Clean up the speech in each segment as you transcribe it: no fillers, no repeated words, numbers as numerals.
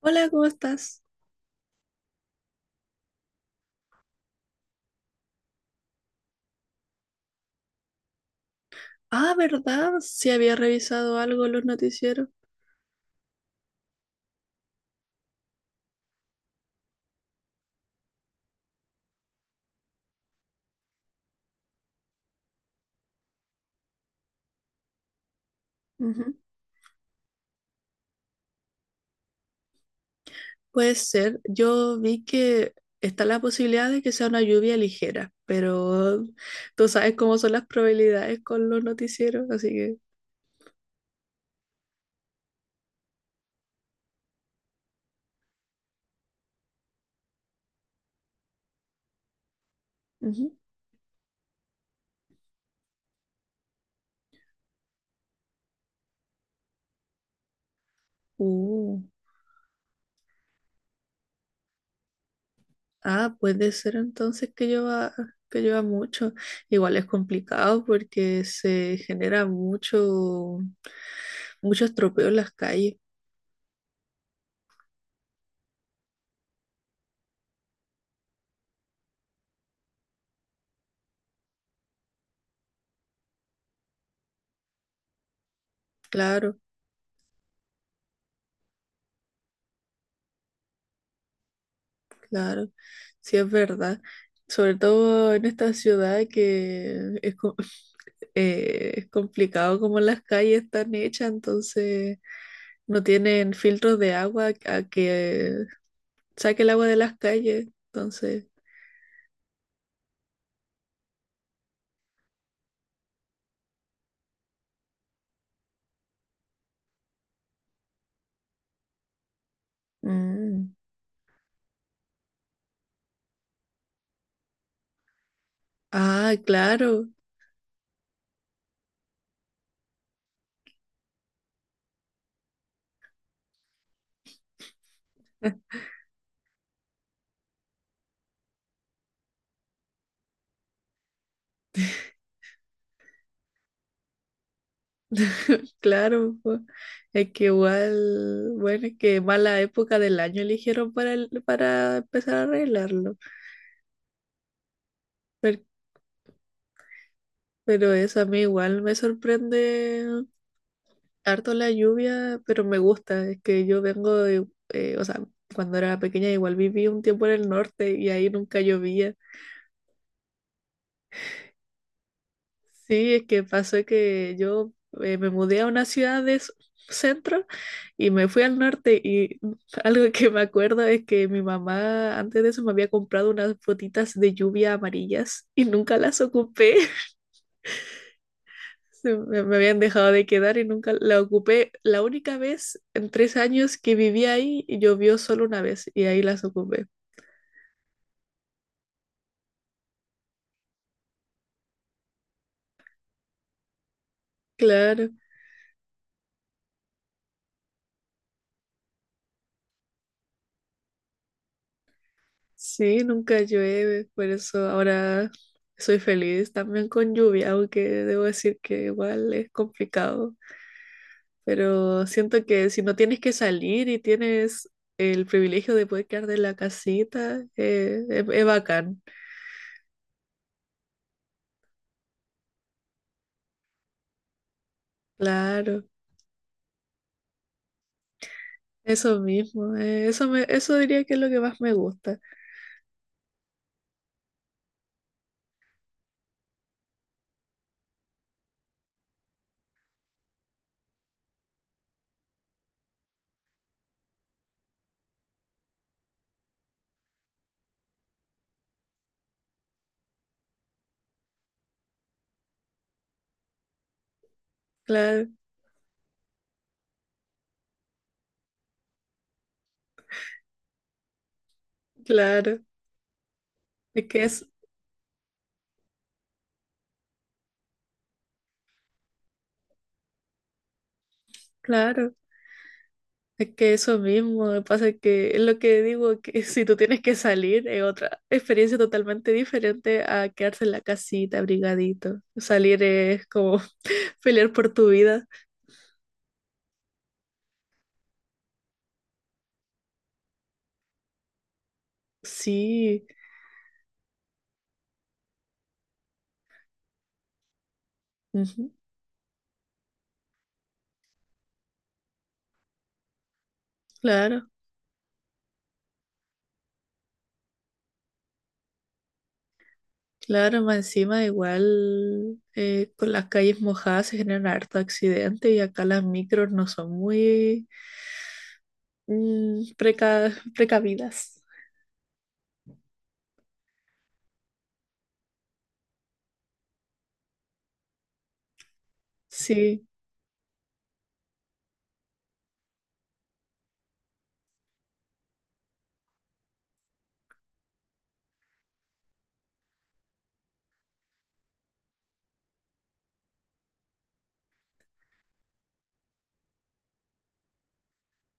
Hola, ¿cómo estás? Ah, ¿verdad? Sí había revisado algo en los noticieros. Ujú. Puede ser. Yo vi que está la posibilidad de que sea una lluvia ligera, pero tú sabes cómo son las probabilidades con los noticieros, así que. Ujú. Uh, ah, puede ser entonces que lleva mucho. Igual es complicado porque se genera mucho estropeo en las calles, claro. Claro, sí es verdad. Sobre todo en esta ciudad que es, es complicado como las calles están hechas, entonces no tienen filtros de agua a que saque el agua de las calles. Entonces, mm. Ah, claro, claro, po. Es que igual, bueno, es que mala época del año eligieron para, para empezar a arreglarlo. Per- Pero, eso a mí igual me sorprende harto la lluvia, pero me gusta. Es que yo vengo de, o sea, cuando era pequeña igual viví un tiempo en el norte y ahí nunca llovía. Sí, es que pasó que yo me mudé a una ciudad de centro y me fui al norte y algo que me acuerdo es que mi mamá antes de eso me había comprado unas botitas de lluvia amarillas y nunca las ocupé. Me habían dejado de quedar y nunca la ocupé. La única vez en tres años que viví ahí, llovió solo una vez y ahí las ocupé. Claro, sí, nunca llueve, por eso ahora soy feliz también con lluvia, aunque debo decir que igual es complicado. Pero siento que si no tienes que salir y tienes el privilegio de poder quedar de la casita, es bacán. Claro, eso mismo, eso diría que es lo que más me gusta. Claro. Claro, es que es, claro, es que eso mismo, me pasa que es lo que digo, que si tú tienes que salir es otra experiencia totalmente diferente a quedarse en la casita abrigadito. Salir es como pelear por tu vida. Sí, ujú, claro, claro, más encima igual con las calles mojadas se generan harto accidente y acá las micros no son muy precavidas. Sí,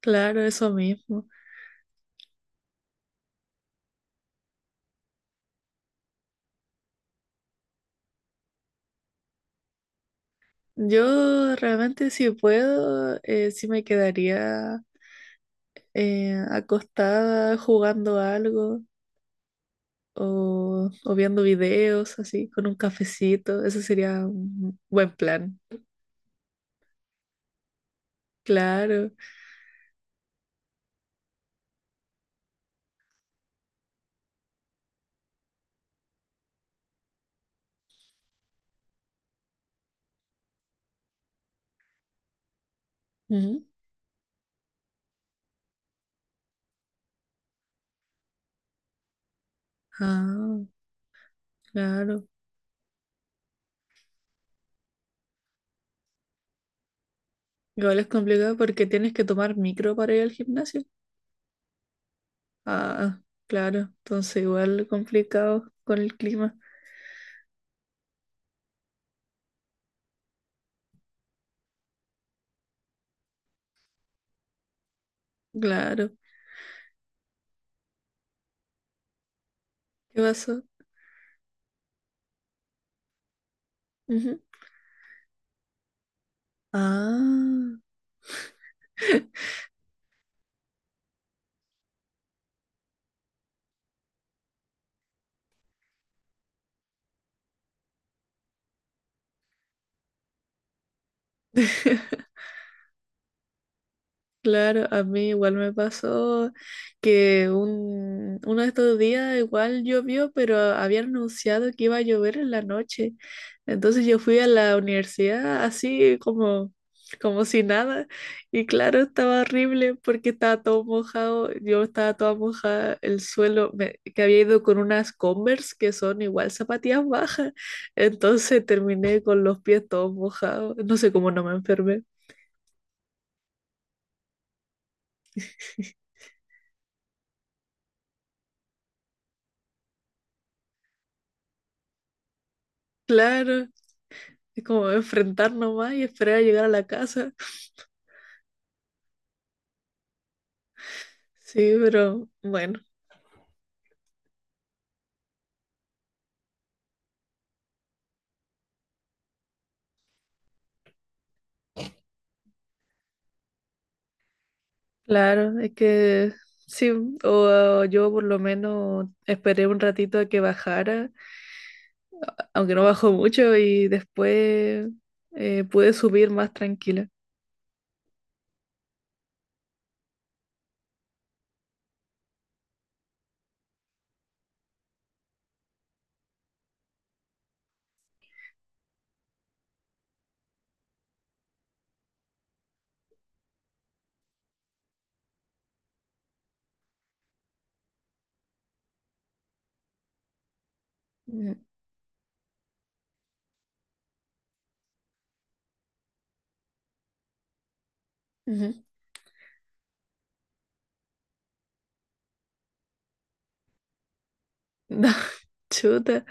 claro, eso mismo. Yo realmente si puedo, sí me quedaría acostada jugando algo o viendo videos así con un cafecito. Ese sería un buen plan. Claro. Ujú. Ah, claro. Igual es complicado porque tienes que tomar micro para ir al gimnasio. Ah, claro. Entonces igual complicado con el clima. Claro. ¿Qué pasó? Ujú. Ah. Claro, a mí igual me pasó que uno de estos días igual llovió, pero habían anunciado que iba a llover en la noche. Entonces yo fui a la universidad así como, como si nada. Y claro, estaba horrible porque estaba todo mojado. Yo estaba toda mojada, el suelo, me- que había ido con unas Converse que son igual zapatillas bajas. Entonces terminé con los pies todos mojados. No sé cómo no me enfermé. Claro. Es como enfrentar nomás y esperar a llegar a la casa. Sí, pero bueno, claro, es que sí, o yo por lo menos esperé un ratito a que bajara, aunque no bajó mucho y después pude subir más tranquila. Ujú, ujú. No, chuta,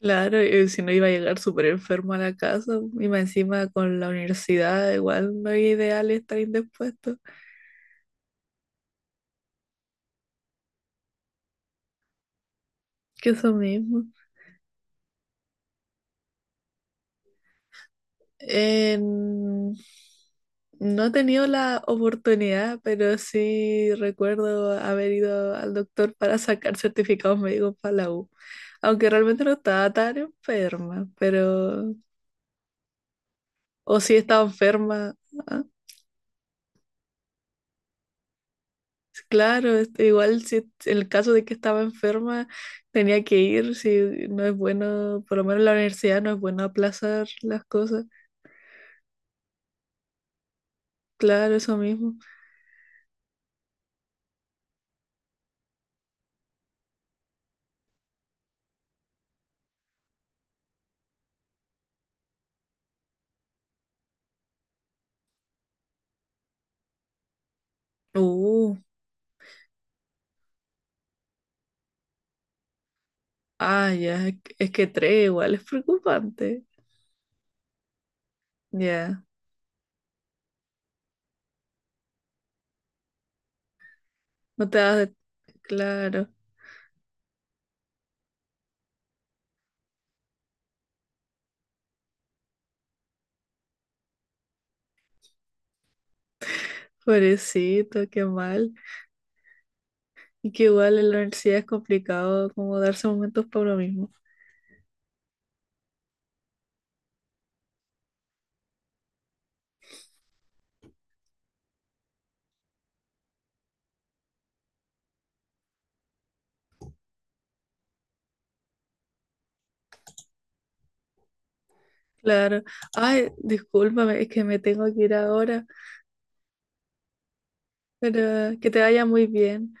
claro, y si no iba a llegar súper enfermo a la casa y más encima con la universidad, igual no es ideal estar indispuesto, que eso mismo. En- No he tenido la oportunidad, pero sí recuerdo haber ido al doctor para sacar certificados médicos para la U. Aunque realmente no estaba tan enferma, pero. O sí estaba enferma. Ah, claro, igual si en el caso de que estaba enferma tenía que ir, si no es bueno, por lo menos en la universidad no es bueno aplazar las cosas. Claro, eso mismo. Uh, Ah, ya, es que tres igual es preocupante. Ya, no te das de. Claro, pobrecito, qué mal. Y que igual en la universidad es complicado como darse momentos para uno mismo. Claro. Ay, discúlpame, es que me tengo que ir ahora, pero que te vaya muy bien.